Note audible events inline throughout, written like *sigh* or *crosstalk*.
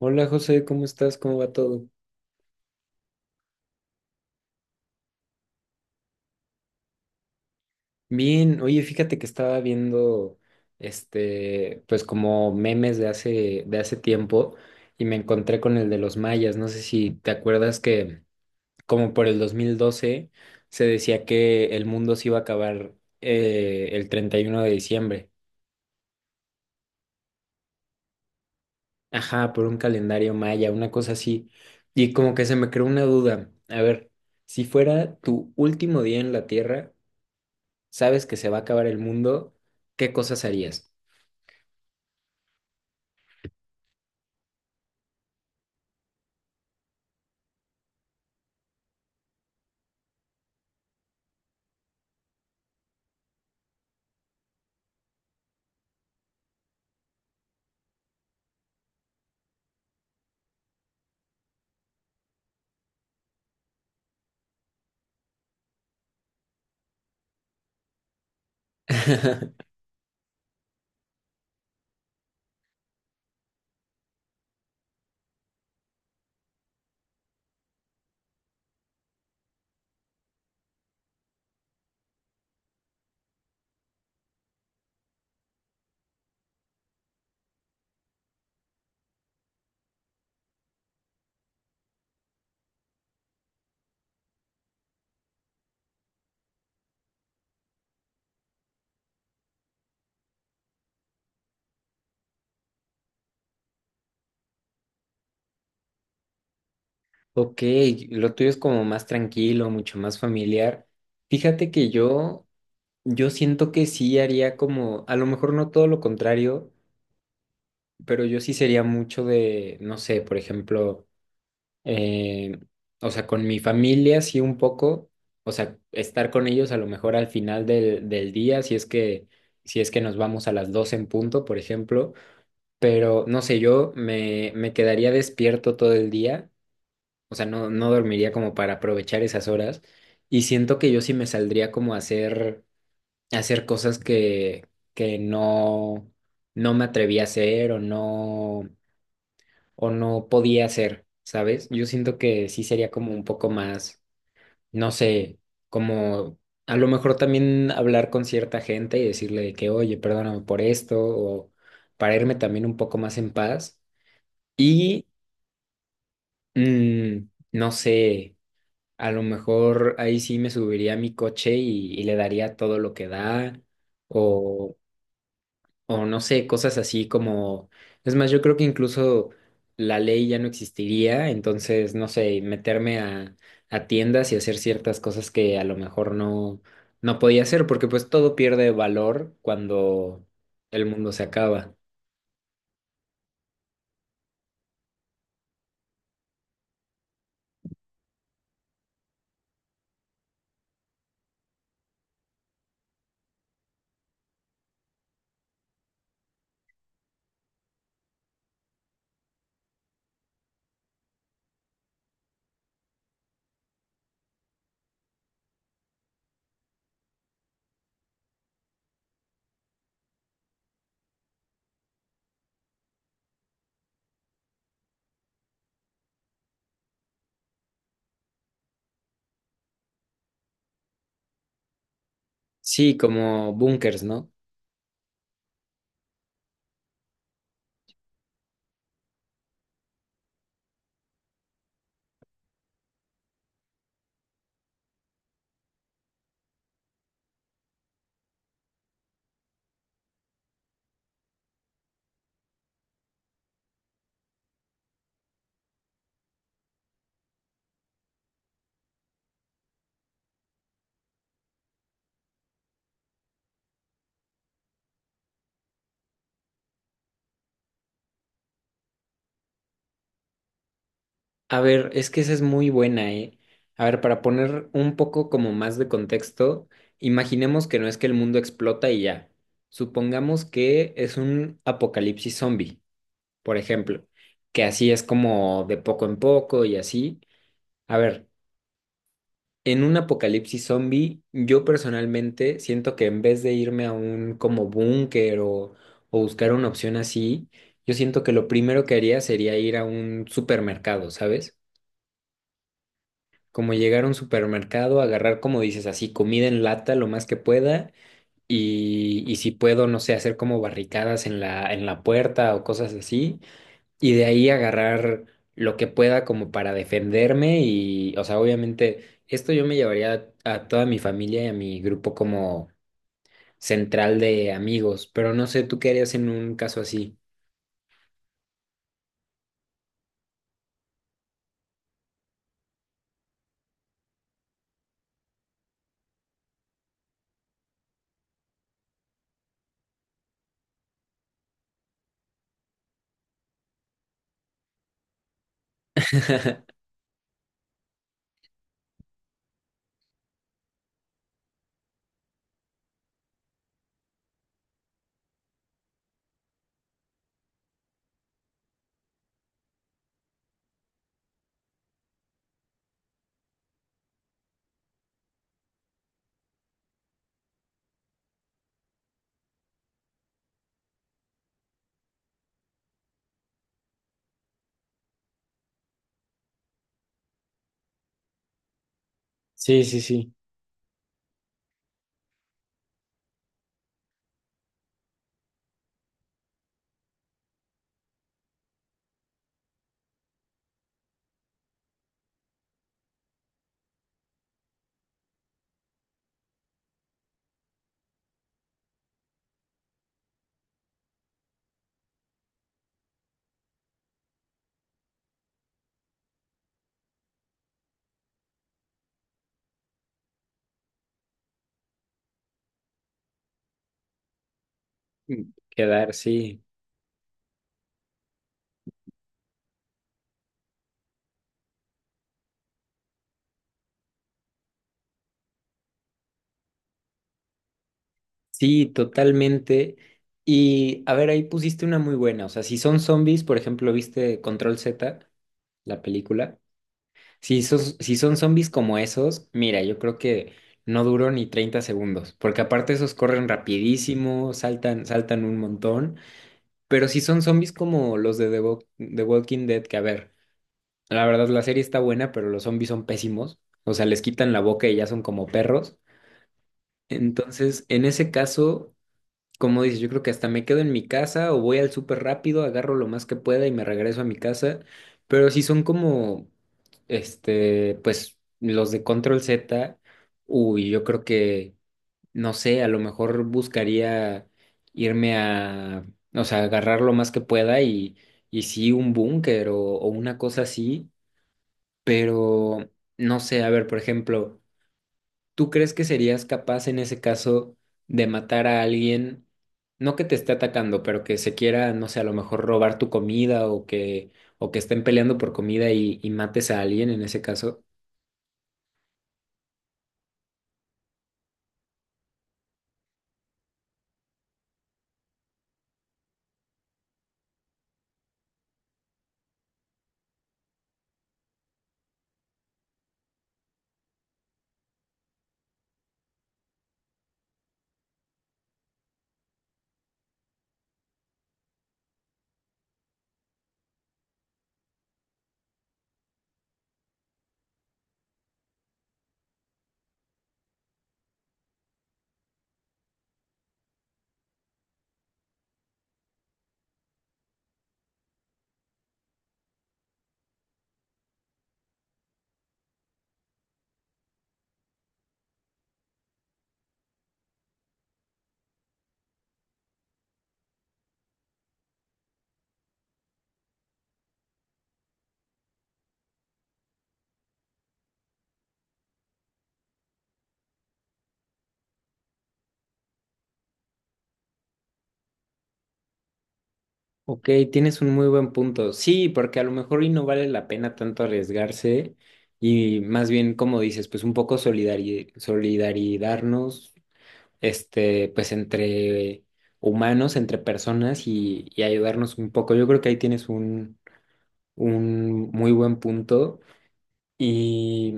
Hola José, ¿cómo estás? ¿Cómo va todo? Bien, oye, fíjate que estaba viendo pues como memes de hace tiempo y me encontré con el de los mayas. No sé si te acuerdas que como por el 2012 se decía que el mundo se iba a acabar el 31 de diciembre. Ajá, por un calendario maya, una cosa así. Y como que se me creó una duda. A ver, si fuera tu último día en la Tierra, sabes que se va a acabar el mundo, ¿qué cosas harías? *laughs* Ok, lo tuyo es como más tranquilo, mucho más familiar. Fíjate que yo, yo siento que sí haría como, a lo mejor no todo lo contrario, pero yo sí sería mucho de, no sé, por ejemplo, eh, o sea, con mi familia sí un poco, o sea, estar con ellos a lo mejor al final del día, si es que, si es que nos vamos a las 12 en punto, por ejemplo. Pero no sé, me quedaría despierto todo el día, o sea, no dormiría como para aprovechar esas horas y siento que yo sí me saldría como a hacer cosas que no, no me atreví a hacer o no podía hacer, ¿sabes? Yo siento que sí sería como un poco más, no sé, como a lo mejor también hablar con cierta gente y decirle de que, oye, perdóname por esto o para irme también un poco más en paz. Y mm, no sé, a lo mejor ahí sí me subiría a mi coche y le daría todo lo que da, o, o no sé, cosas así como, es más, yo creo que incluso la ley ya no existiría, entonces, no sé, meterme a tiendas y hacer ciertas cosas que a lo mejor no, no podía hacer, porque pues todo pierde valor cuando el mundo se acaba. Sí, como bunkers, ¿no? A ver, es que esa es muy buena, ¿eh? A ver, para poner un poco como más de contexto, imaginemos que no es que el mundo explota y ya. Supongamos que es un apocalipsis zombie, por ejemplo, que así es como de poco en poco y así. A ver, en un apocalipsis zombie, yo personalmente siento que en vez de irme a un como búnker o buscar una opción así, yo siento que lo primero que haría sería ir a un supermercado, ¿sabes? Como llegar a un supermercado, agarrar, como dices, así comida en lata lo más que pueda y si puedo, no sé, hacer como barricadas en la puerta o cosas así y de ahí agarrar lo que pueda como para defenderme y, o sea, obviamente esto yo me llevaría a toda mi familia y a mi grupo como central de amigos, pero no sé, ¿tú qué harías en un caso así? Sí, sí, sí. Mm, quedar, sí. Sí, totalmente. Y a ver, ahí pusiste una muy buena. O sea, si son zombies, por ejemplo, ¿viste Control Z, la película? Si son, si son zombies como esos, mira, yo creo que no duró ni 30 segundos, porque aparte esos corren rapidísimo, saltan, saltan un montón. Pero si son zombies como los de The Walking Dead, que a ver, la verdad la serie está buena, pero los zombies son pésimos. O sea, les quitan la boca y ya son como perros. Entonces, en ese caso... Como dices, yo creo que hasta me quedo en mi casa o voy al súper rápido, agarro lo más que pueda y me regreso a mi casa. Pero si son como, este, pues los de Control Z, uy, yo creo que, no sé, a lo mejor buscaría irme a, o sea, agarrar lo más que pueda y sí, un búnker o una cosa así. Pero, no sé, a ver, por ejemplo. ¿Tú crees que serías capaz en ese caso de matar a alguien, no que te esté atacando, pero que se quiera, no sé, a lo mejor robar tu comida o que estén peleando por comida y mates a alguien en ese caso? Ok, tienes un muy buen punto. Sí, porque a lo mejor y no vale la pena tanto arriesgarse y más bien, como dices, pues un poco solidarizarnos, este, pues entre humanos, entre personas y ayudarnos un poco. Yo creo que ahí tienes un muy buen punto. Y,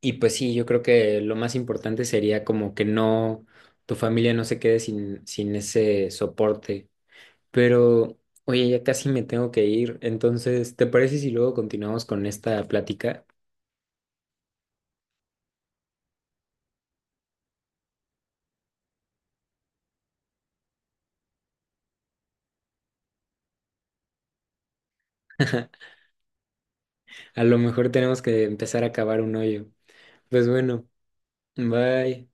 y pues sí, yo creo que lo más importante sería como que no, tu familia no se quede sin ese soporte. Pero, oye, ya casi me tengo que ir. Entonces, ¿te parece si luego continuamos con esta plática? *laughs* A lo mejor tenemos que empezar a cavar un hoyo. Pues bueno, bye.